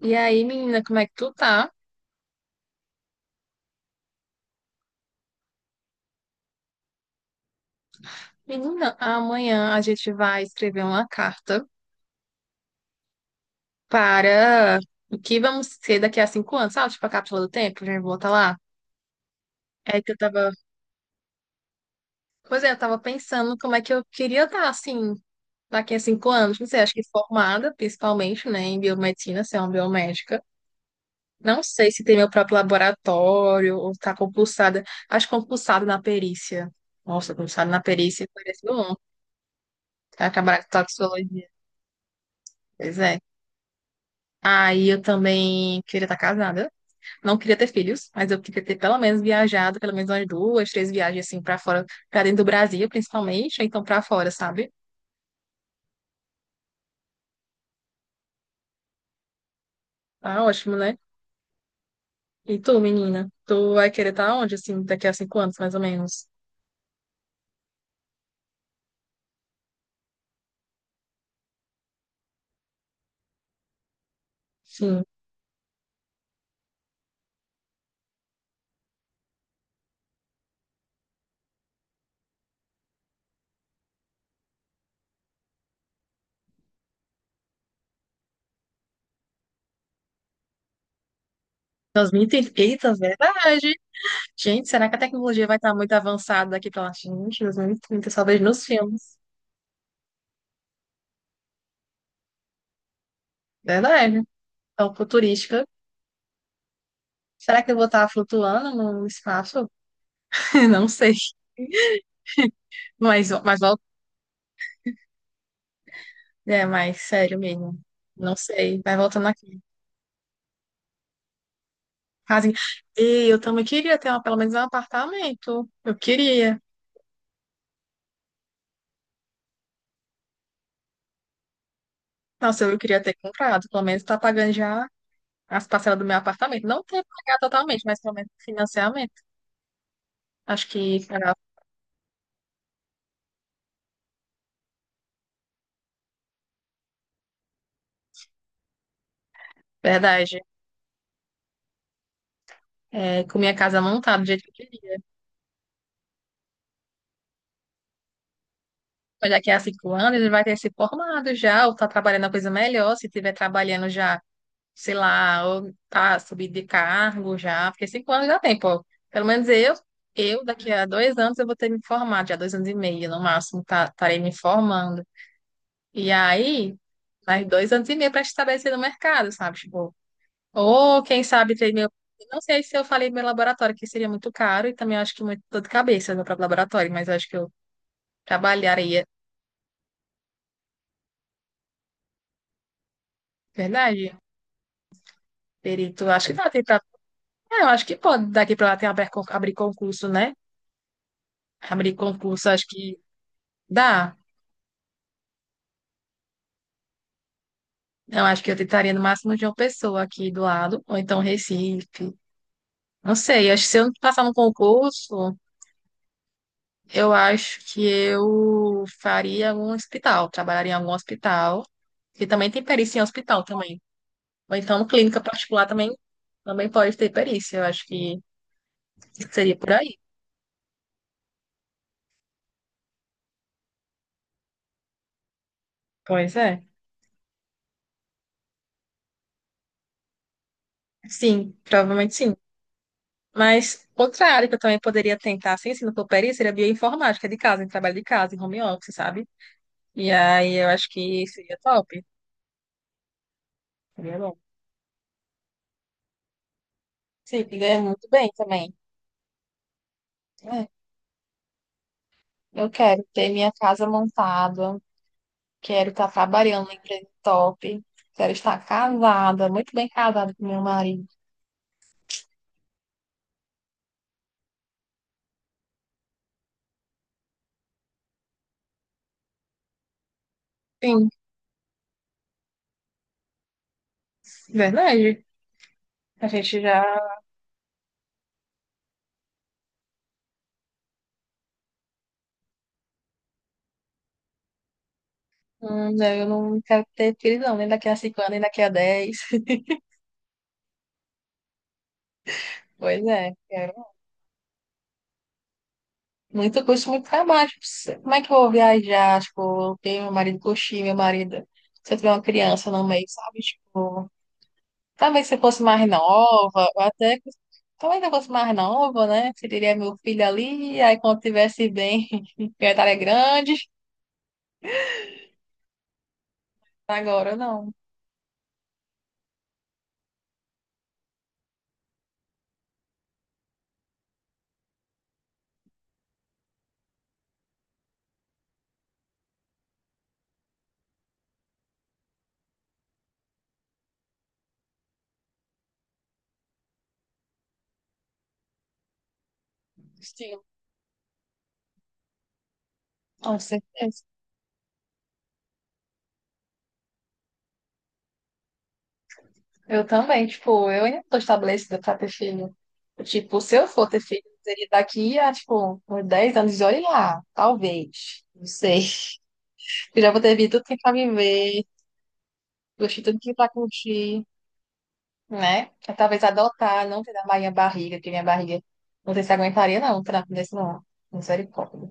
E aí, menina, como é que tu tá? Menina, amanhã a gente vai escrever uma carta para o que vamos ser daqui a cinco anos, sabe? Tipo a cápsula do tempo, a gente volta lá. É que eu tava. Pois é, eu tava pensando como é que eu queria estar assim daqui a cinco anos. Não sei, acho que formada, principalmente, né, em biomedicina, ser uma biomédica. Não sei se ter meu próprio laboratório ou estar compulsada. Acho compulsada na perícia. Nossa, compulsada na perícia parece bom. Acabar com toxicologia. Pois é. Aí eu também queria estar casada. Não queria ter filhos, mas eu queria ter pelo menos viajado, pelo menos umas duas, três viagens assim pra fora, pra dentro do Brasil, principalmente, ou então pra fora, sabe? Tá ótimo, né? E tu, menina? Tu vai querer estar onde, assim, daqui a cinco anos, mais ou menos? Sim. 2030, eita, verdade. Gente, será que a tecnologia vai estar muito avançada daqui pra lá? Gente, 2030, só vejo nos filmes. Verdade. Então, futurística. Será que eu vou estar flutuando no espaço? Não sei. Mas é, mas sério mesmo. Não sei. Vai voltando aqui. Assim, e eu também queria ter uma, pelo menos um apartamento. Eu queria. Nossa, eu queria ter comprado. Pelo menos tá pagando já as parcelas do meu apartamento. Não ter pagado totalmente, mas pelo menos financiamento. Acho que era verdade. É, com minha casa montada do jeito que eu queria. Mas daqui a cinco anos ele vai ter se formado já, ou tá trabalhando a coisa melhor, se tiver trabalhando já. Sei lá, ou tá subido de cargo já, porque cinco anos dá tempo, ó. Pelo menos eu daqui a dois anos eu vou ter me formado, já dois anos e meio no máximo, tá, estarei me formando. E aí, mais dois anos e meio para estabelecer no mercado, sabe? Tipo, ou quem sabe ter meu. Eu Não sei se eu falei meu laboratório, que seria muito caro, e também acho que muito dor de cabeça meu próprio laboratório, mas eu acho que eu trabalharia, verdade? Perito, acho que dá tempo pra... É, eu acho que pode, daqui para lá tem abrir concurso, né? Abrir concurso, acho que dá. Eu acho que eu tentaria no máximo de uma pessoa aqui do lado, ou então Recife. Não sei, acho que se eu não passar no concurso, eu acho que eu faria algum hospital, trabalharia em algum hospital, que também tem perícia em hospital também. Ou então clínica particular também, também pode ter perícia, eu acho que seria por aí. Pois é. Sim, provavelmente sim. Mas outra área que eu também poderia tentar, sem se não for perícia, seria bioinformática de casa, em trabalho de casa, em home office, sabe? E aí eu acho que seria top. Seria bom. Sim, que ganha muito bem também. É, eu quero ter minha casa montada, quero estar trabalhando em empresa top, quero estar casada, muito bem casada com meu marido. Sim, verdade. A gente já. Né, eu não quero ter filhos, não, nem daqui a cinco anos, nem daqui a 10. Pois é, quero muito custo, muito trabalho. Como é que eu vou viajar? Tipo, eu tenho meu marido, curtir meu marido. Se eu tiver uma criança no meio, sabe? Tipo. Talvez se fosse mais nova, ou talvez se eu fosse mais nova, né? Teria meu filho ali, aí quando tivesse bem, eu estaria grande. Agora não. Sim. Com certeza. Eu também, tipo, eu ainda não tô estabelecida pra ter filho. Tipo, se eu for ter filho, seria daqui a, tipo, uns 10 anos, e olha lá, talvez. Não sei. Eu já vou ter vivido tudo que é pra viver, curtir tudo que é pra curtir. Né? Eu, talvez adotar, não ter da minha barriga, porque minha barriga não sei se aguentaria, não, um trampo desse não. Misericórdia.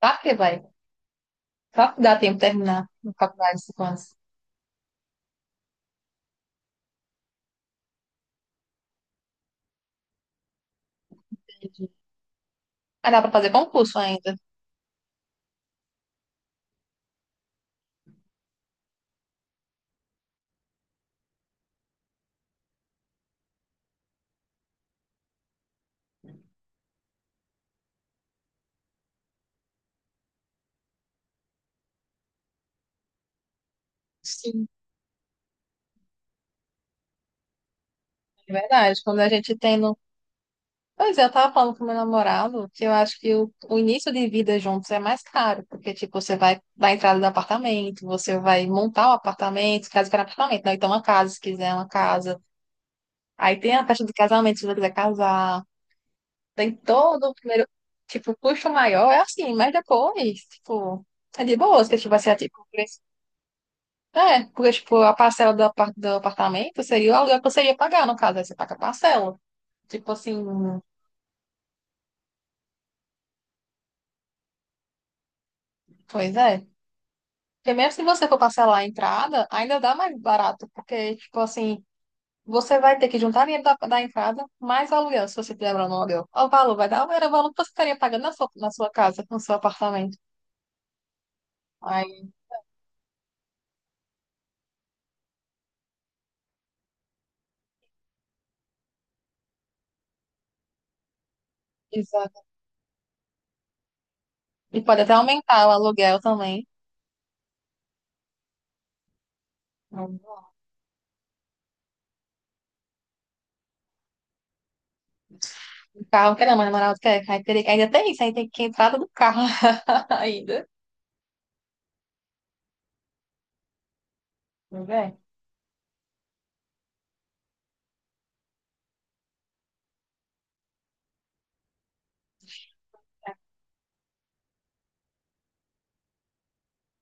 Claro que vai. Só que dá tempo de terminar a faculdade de cinco anos. Entendi. Ah, dá pra fazer concurso ainda. Sim. É verdade. Quando a gente tem no. Pois é, eu tava falando com meu namorado que eu acho que o início de vida juntos é mais caro, porque, tipo, você vai dar a entrada no apartamento, você vai montar o apartamento, caso queira apartamento, não, então uma casa, se quiser uma casa. Aí tem a festa de casamento, se você quiser casar. Tem todo o primeiro, tipo, o custo maior, é assim, mas depois, tipo, é de boa, se tivesse, é, tipo, o preço. É, porque, tipo, a parcela do, do apartamento seria o aluguel que você ia pagar, no caso, aí você paga a parcela. Tipo assim, pois é. Porque mesmo se você for parcelar a entrada, ainda dá mais barato, porque, tipo assim, você vai ter que juntar dinheiro da entrada mais o aluguel, se você tiver morando no aluguel. O valor vai dar, era o valor que você estaria pagando na sua casa, no seu apartamento. Aí, exato. E pode até aumentar o aluguel também. Não, o carro não quer não, mas namorado quer. Aí teria que- ainda tem isso, aí tem que entrada do carro ainda. Pois é.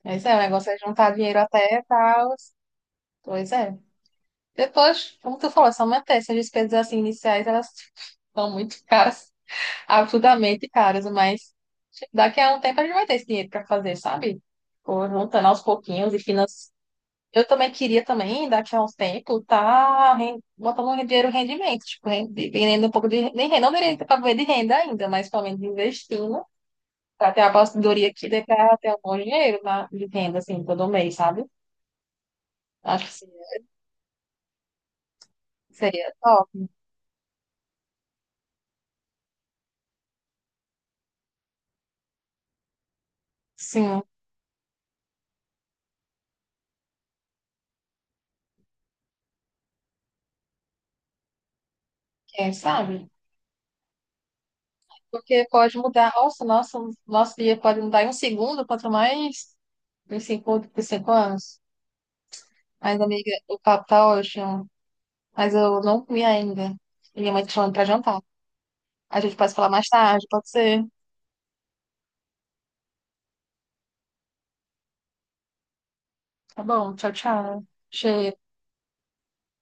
Mas é, o negócio é juntar dinheiro até e tal. Pois é. Depois, como tu falou, é só manter essas despesas assim iniciais, elas são muito caras, absurdamente caras, mas daqui a um tempo a gente vai ter esse dinheiro para fazer, sabe? Por juntando aos pouquinhos e finan. Eu também queria também, daqui a uns tempos, tá botando um dinheiro em rendimento, tipo, vendendo um pouco de. Nem renda, não direito para ver de renda ainda, mas pelo menos investindo, para ter a aposentadoria aqui, daí pra ter um bom dinheiro na, de renda, assim, todo mês, sabe? Acho que seria, seria top. Sim, quem sabe? Porque pode mudar, nossa, nosso dia pode mudar em um segundo, quanto mais em cinco anos. Mas, amiga, o papo tá ótimo, mas eu não comi ainda. Minha mãe tá chamando pra jantar. A gente pode falar mais tarde, pode ser? Tá bom, tchau, tchau. Cheiro.